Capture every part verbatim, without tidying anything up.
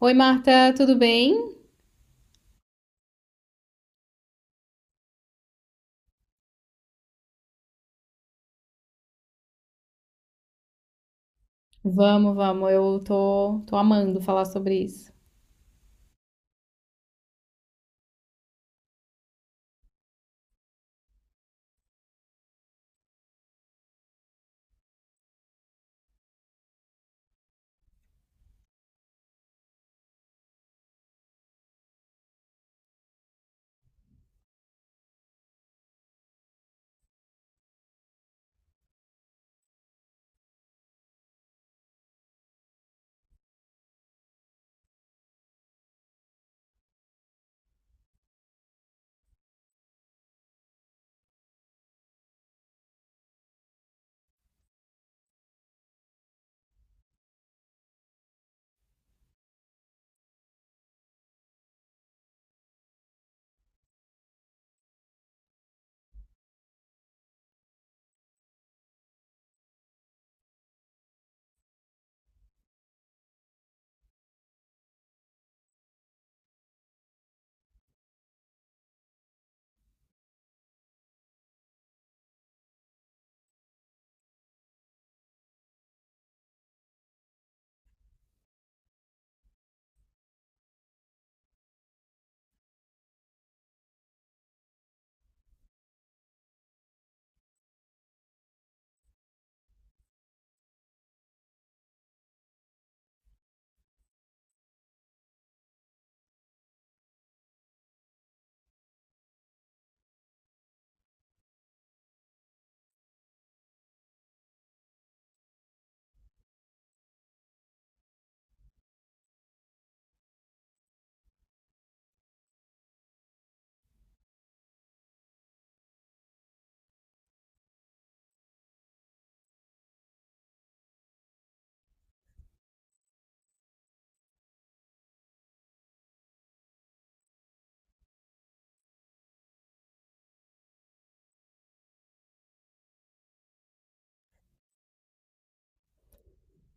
Oi, Marta, tudo bem? Vamos, vamos, eu tô, tô amando falar sobre isso.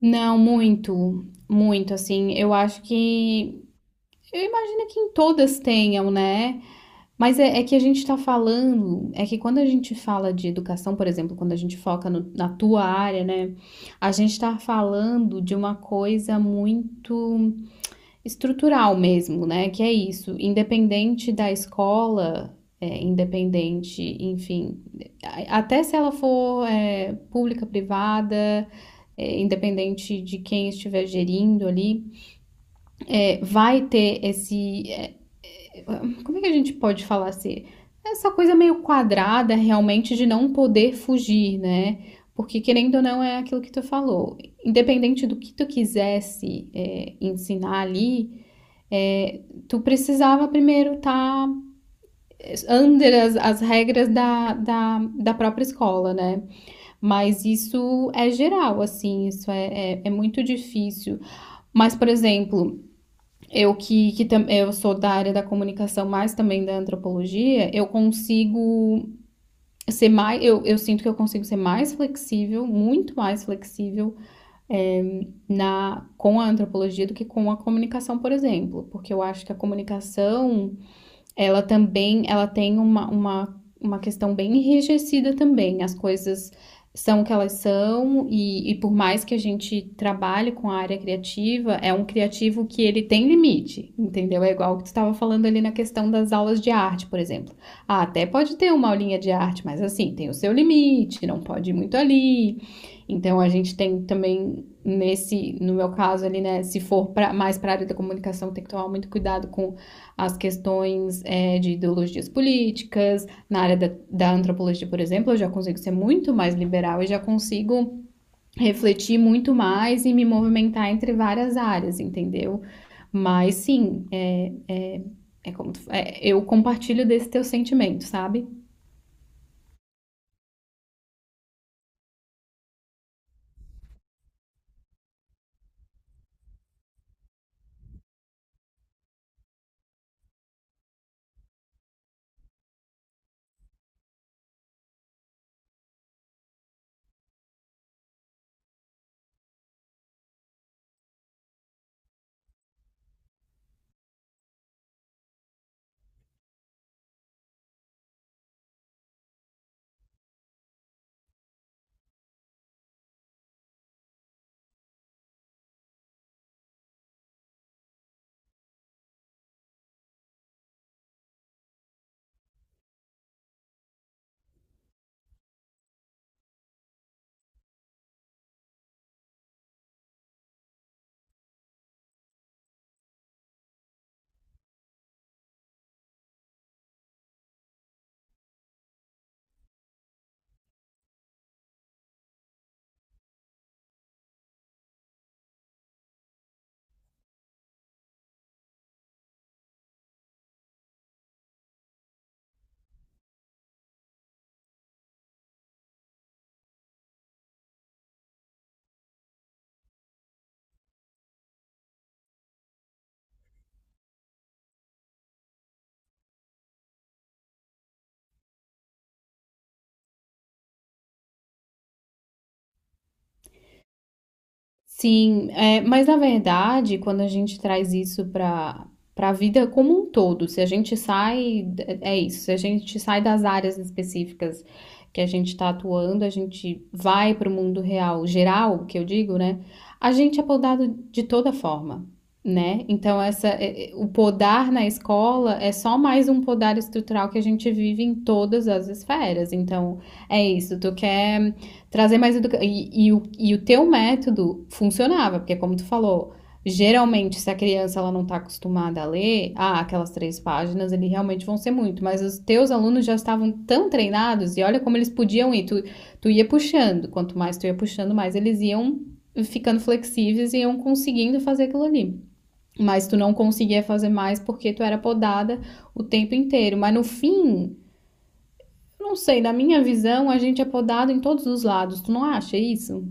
Não, muito, muito, assim, eu acho que, eu imagino que em todas tenham, né? Mas é, é que a gente tá falando, é que quando a gente fala de educação, por exemplo, quando a gente foca no- na tua área, né? A gente tá falando de uma coisa muito estrutural mesmo, né? Que é isso, independente da escola, é, independente, enfim. Até se ela for é, pública, privada, é, independente de quem estiver gerindo ali, é, vai ter esse. É, como é que a gente pode falar assim? Essa coisa meio quadrada realmente de não poder fugir, né? Porque querendo ou não é aquilo que tu falou. Independente do que tu quisesse é, ensinar ali, é, tu precisava primeiro estar tá under as, as regras da, da, da própria escola, né? Mas isso é geral, assim, isso é, é, é muito difícil. Mas, por exemplo, eu que, que tam- eu sou da área da comunicação, mas também da antropologia, eu consigo ser mais, eu, eu sinto que eu consigo ser mais flexível, muito mais flexível na com a antropologia do que com a comunicação, por exemplo, porque eu acho que a comunicação ela também, ela tem uma, uma, uma questão bem enrijecida também. As coisas são o que elas são e, e por mais que a gente trabalhe com a área criativa, é um criativo que ele tem limite, entendeu? É igual o que tu estava falando ali na questão das aulas de arte, por exemplo. Ah, até pode ter uma aulinha de arte, mas assim, tem o seu limite, não pode ir muito ali. Então a gente tem também nesse, no meu caso ali, né, se for pra, mais para a área da comunicação, tem que tomar muito cuidado com as questões, né, de ideologias políticas, na área da, da antropologia, por exemplo, eu já consigo ser muito mais liberal e já consigo refletir muito mais e me movimentar entre várias áreas, entendeu? Mas sim, é, é como tu- é, eu compartilho desse teu sentimento, sabe? Sim, é, mas na verdade, quando a gente traz isso para para a vida como um todo, se a gente sai, é isso, se a gente sai das áreas específicas que a gente está atuando, a gente vai para o mundo real, geral, que eu digo, né? A gente é podado de toda forma, né? Então, essa, é- é- o podar na escola é só mais um podar estrutural que a gente vive em todas as esferas. Então, é isso, tu quer. Trazer mais educação. E, e o, e o teu método funcionava, porque como tu falou, geralmente se a criança ela não está acostumada a ler, ah, aquelas três páginas, eles realmente vão ser muito, mas os teus alunos já estavam tão treinados e olha como eles podiam ir, tu, tu ia puxando, quanto mais tu ia puxando, mais eles iam ficando flexíveis e iam conseguindo fazer aquilo ali. Mas tu não conseguia fazer mais porque tu era podada o tempo inteiro. Mas no fim, não sei, na minha visão, a gente é podado em todos os lados. Tu não acha isso?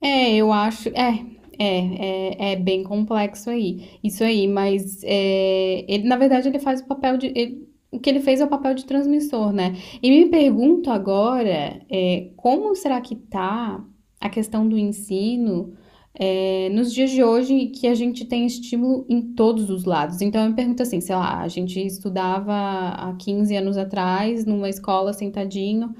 É, eu acho. É, é, é, é bem complexo aí. Isso aí, mas é, ele, na verdade, ele faz o papel de. Ele- o que ele fez é o papel de transmissor, né? E me pergunto agora, é, como será que tá a questão do ensino, é, nos dias de hoje que a gente tem estímulo em todos os lados? Então eu me pergunto assim, sei lá, a gente estudava há quinze anos atrás numa escola sentadinho.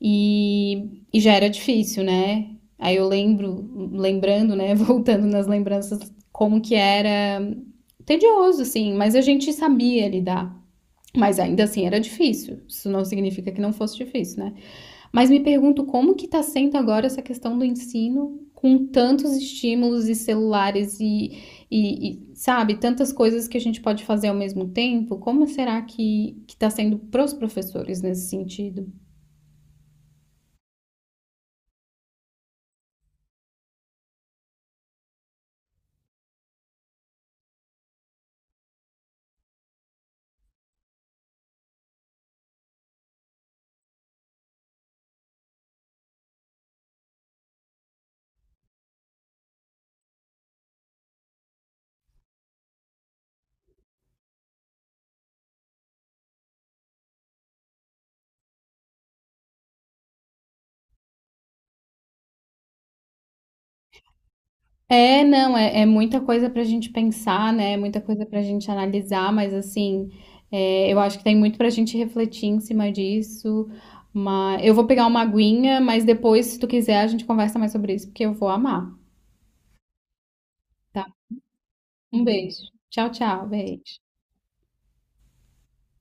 E, e já era difícil, né? Aí eu lembro, lembrando, né? Voltando nas lembranças, como que era tedioso, assim, mas a gente sabia lidar. Mas ainda assim era difícil. Isso não significa que não fosse difícil, né? Mas me pergunto como que tá sendo agora essa questão do ensino com tantos estímulos e celulares e, e, e, sabe, tantas coisas que a gente pode fazer ao mesmo tempo. Como será que, que tá sendo pros professores nesse sentido? É, não, é, é muita coisa para a gente pensar, né? É muita coisa para a gente analisar, mas assim, é, eu acho que tem muito para a gente refletir em cima disso. Mas eu vou pegar uma aguinha, mas depois, se tu quiser, a gente conversa mais sobre isso, porque eu vou amar, tá? Um beijo. Tchau, tchau, beijo.